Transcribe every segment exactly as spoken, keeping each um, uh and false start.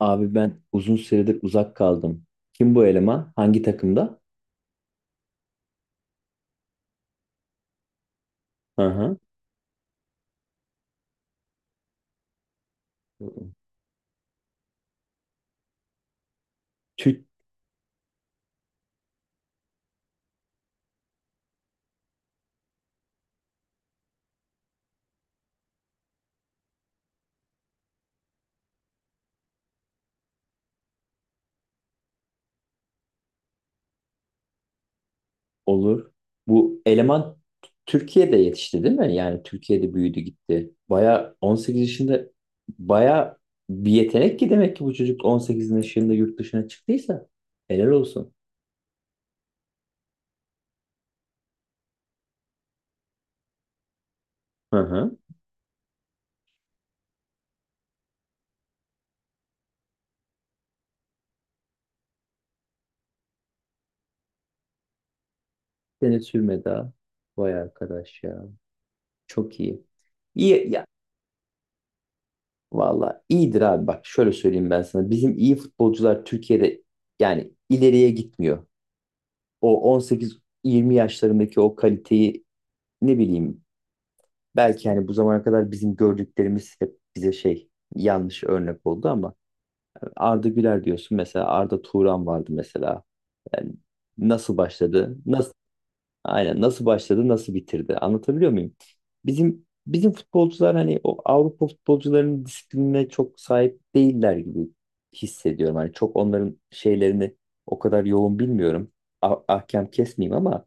Abi ben uzun süredir uzak kaldım. Kim bu eleman? Hangi takımda? Hı hı. Türk olur. Bu eleman Türkiye'de yetişti değil mi? Yani Türkiye'de büyüdü gitti. Baya on sekiz yaşında, baya bir yetenek ki demek ki bu çocuk on sekiz yaşında yurt dışına çıktıysa helal olsun. Hı hı. Sene sürmedi ha. Vay arkadaş ya. Çok iyi. İyi ya. Valla iyidir abi, bak şöyle söyleyeyim ben sana. Bizim iyi futbolcular Türkiye'de yani ileriye gitmiyor. O on sekiz yirmi yaşlarındaki o kaliteyi, ne bileyim, belki hani bu zamana kadar bizim gördüklerimiz hep bize şey, yanlış örnek oldu ama Arda Güler diyorsun, mesela Arda Turan vardı mesela. Yani nasıl başladı? Nasıl Aynen, nasıl başladı, nasıl bitirdi. Anlatabiliyor muyum? Bizim bizim futbolcular, hani o Avrupa futbolcularının disiplinine çok sahip değiller gibi hissediyorum. Hani çok onların şeylerini o kadar yoğun bilmiyorum. Ah- ahkam kesmeyeyim ama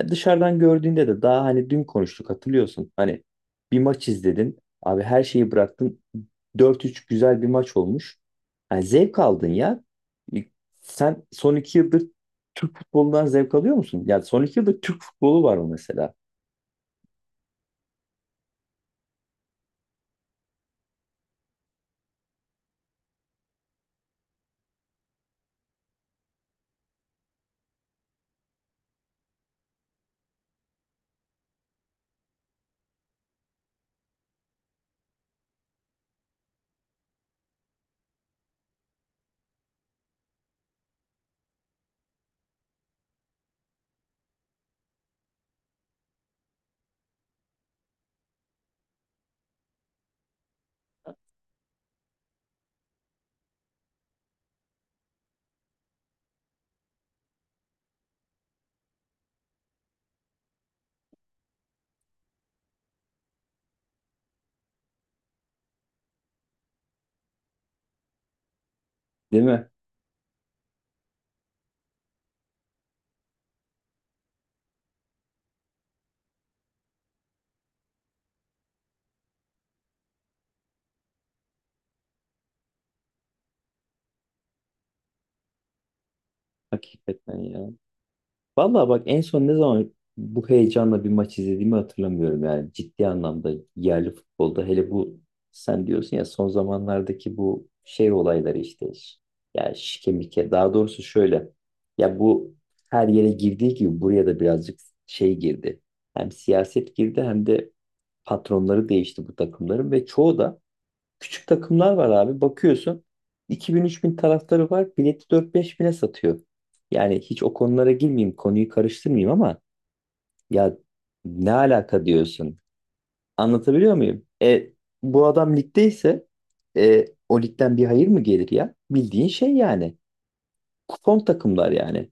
ya, dışarıdan gördüğünde de daha, hani dün konuştuk hatırlıyorsun. Hani bir maç izledin. Abi her şeyi bıraktın. Dört üç güzel bir maç olmuş. Yani zevk aldın ya. E, Sen son iki yıldır Türk futbolundan zevk alıyor musun? Yani son iki yıldır Türk futbolu var mı mesela? Değil mi? Hakikaten ya. Vallahi bak, en son ne zaman bu heyecanla bir maç izlediğimi hatırlamıyorum, yani ciddi anlamda yerli futbolda hele bu, sen diyorsun ya, son zamanlardaki bu şey olayları işte, ya şike mike, daha doğrusu şöyle, ya bu her yere girdiği gibi buraya da birazcık şey girdi, hem siyaset girdi hem de patronları değişti bu takımların ve çoğu da küçük takımlar var abi. Bakıyorsun iki bin-üç bin taraftarı var. Bileti dört beş bine satıyor. Yani hiç o konulara girmeyeyim, konuyu karıştırmayayım ama ya, ne alaka diyorsun? Anlatabiliyor muyum? E, bu adam ligdeyse, e, o ligden bir hayır mı gelir ya? Bildiğin şey yani. Kupon takımlar yani.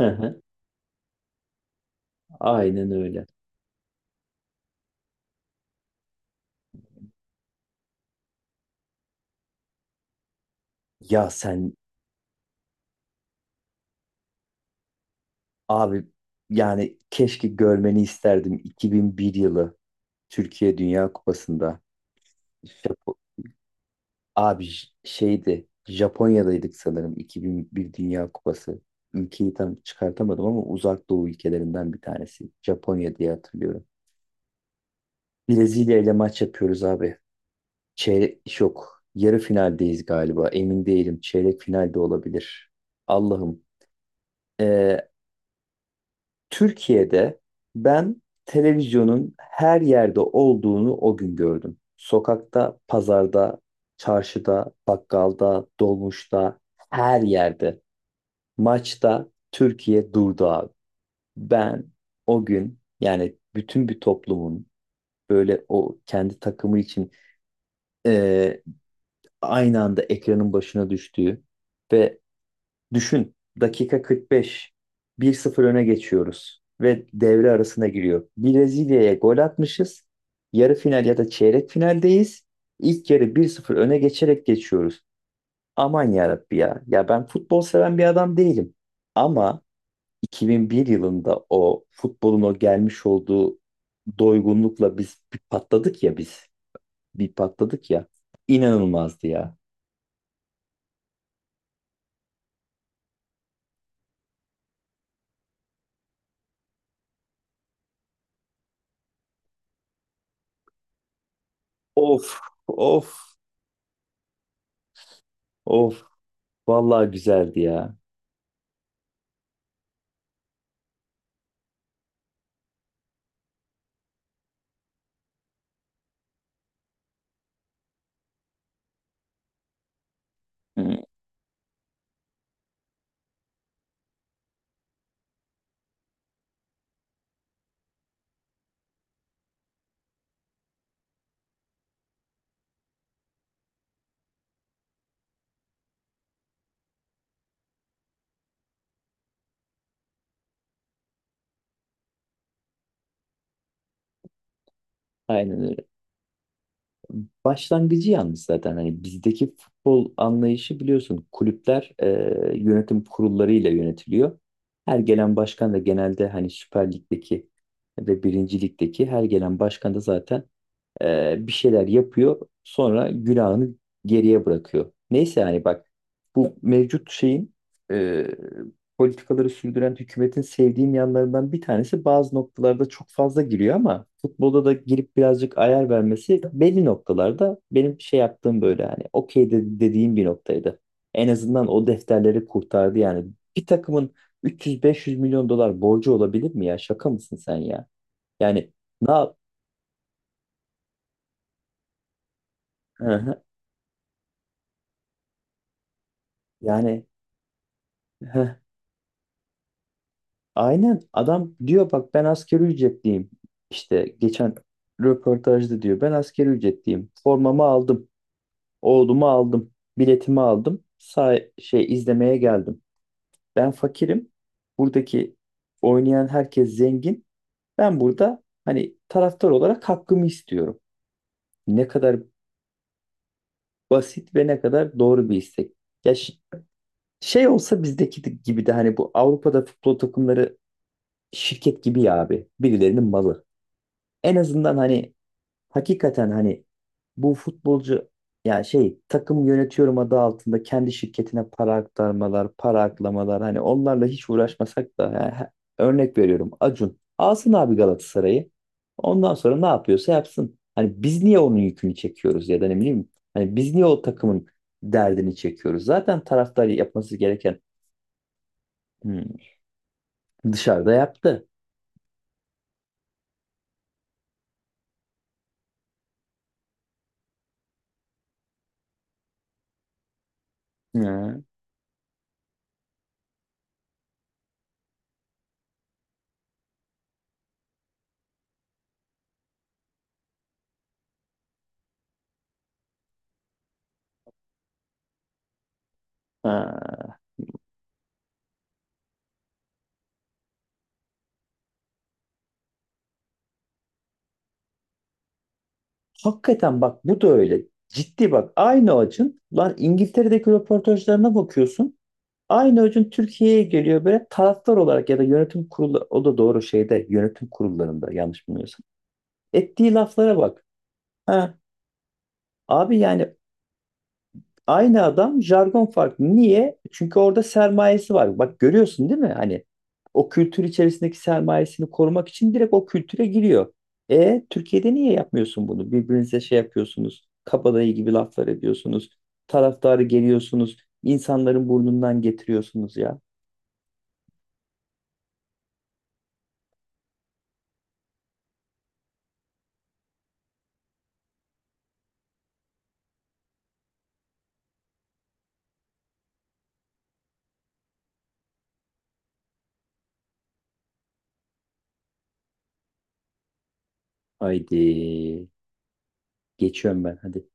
Hı hı. Aynen öyle. Ya sen abi, yani keşke görmeni isterdim iki bin bir yılı Türkiye Dünya Kupası'nda. Abi j- şeydi, Japonya'daydık sanırım, iki bin bir Dünya Kupası. Ülkeyi tam çıkartamadım ama Uzak Doğu ülkelerinden bir tanesi. Japonya diye hatırlıyorum. Brezilya ile maç yapıyoruz abi. Çeyrek yok. Yarı finaldeyiz galiba. Emin değilim. Çeyrek finalde olabilir. Allah'ım. Ee, Türkiye'de ben televizyonun her yerde olduğunu o gün gördüm. Sokakta, pazarda, çarşıda, bakkalda, dolmuşta, her yerde. Maçta Türkiye durdu abi. Ben o gün, yani bütün bir toplumun böyle o kendi takımı için e, aynı anda ekranın başına düştüğü ve, düşün, dakika kırk beş bir sıfır öne geçiyoruz ve devre arasına giriyor. Brezilya'ya gol atmışız. Yarı final ya da çeyrek finaldeyiz. İlk yarı bir sıfır öne geçerek geçiyoruz. Aman yarabbi ya. Ya ben futbol seven bir adam değilim. Ama iki bin bir yılında o futbolun o gelmiş olduğu doygunlukla biz bir patladık ya biz. Bir patladık ya. İnanılmazdı ya. Of of of. Vallahi güzeldi ya. Hı, aynen öyle. Başlangıcı yalnız, zaten hani bizdeki futbol anlayışı biliyorsun, kulüpler e, yönetim kurullarıyla yönetiliyor. Her gelen başkan da genelde, hani Süper Lig'deki ve Birinci Lig'deki her gelen başkan da zaten e, bir şeyler yapıyor. Sonra günahını geriye bırakıyor. Neyse, yani bak, bu mevcut şeyin e, politikaları sürdüren hükümetin sevdiğim yanlarından bir tanesi, bazı noktalarda çok fazla giriyor ama futbolda da girip birazcık ayar vermesi belli noktalarda benim şey yaptığım, böyle hani okey de, dediğim bir noktaydı. En azından o defterleri kurtardı yani. Bir takımın üç yüz beş yüz milyon dolar milyon dolar borcu olabilir mi ya? Şaka mısın sen ya? Yani, ne yap? Hı hı. Yani Heh, aynen, adam diyor bak, ben asgari ücretliyim. İşte geçen röportajda diyor, ben asgari ücretliyim. Formamı aldım, oğlumu aldım, biletimi aldım. Say şey izlemeye geldim. Ben fakirim. Buradaki oynayan herkes zengin. Ben burada hani taraftar olarak hakkımı istiyorum. Ne kadar basit ve ne kadar doğru bir istek. Ya ş- şey olsa bizdeki de- gibi de, hani bu Avrupa'da futbol takımları şirket gibi ya abi. Birilerinin malı. En azından hani, hakikaten hani bu futbolcu ya şey, takım yönetiyorum adı altında kendi şirketine para aktarmalar, para aklamalar, hani onlarla hiç uğraşmasak da ya, örnek veriyorum, Acun alsın abi Galatasaray'ı. Ondan sonra ne yapıyorsa yapsın. Hani biz niye onun yükünü çekiyoruz ya da ne bileyim, hani biz niye o takımın derdini çekiyoruz? Zaten taraftar yapması gereken hmm, dışarıda yaptı. Hı. Ha. Hakikaten bak, bu da öyle. Ciddi bak, aynı acın lan İngiltere'deki röportajlarına bakıyorsun. Aynı acın Türkiye'ye geliyor böyle, taraftar olarak, ya da yönetim kurulu, o da doğru şeyde, yönetim kurullarında yanlış bilmiyorsam. Ettiği laflara bak. Ha, abi yani, aynı adam, jargon farklı. Niye? Çünkü orada sermayesi var. Bak görüyorsun değil mi? Hani o kültür içerisindeki sermayesini korumak için direkt o kültüre giriyor. E Türkiye'de niye yapmıyorsun bunu? Birbirinize şey yapıyorsunuz. Kabadayı gibi laflar ediyorsunuz. Taraftarı geliyorsunuz. İnsanların burnundan getiriyorsunuz ya. Haydi. Geçiyorum ben. Hadi.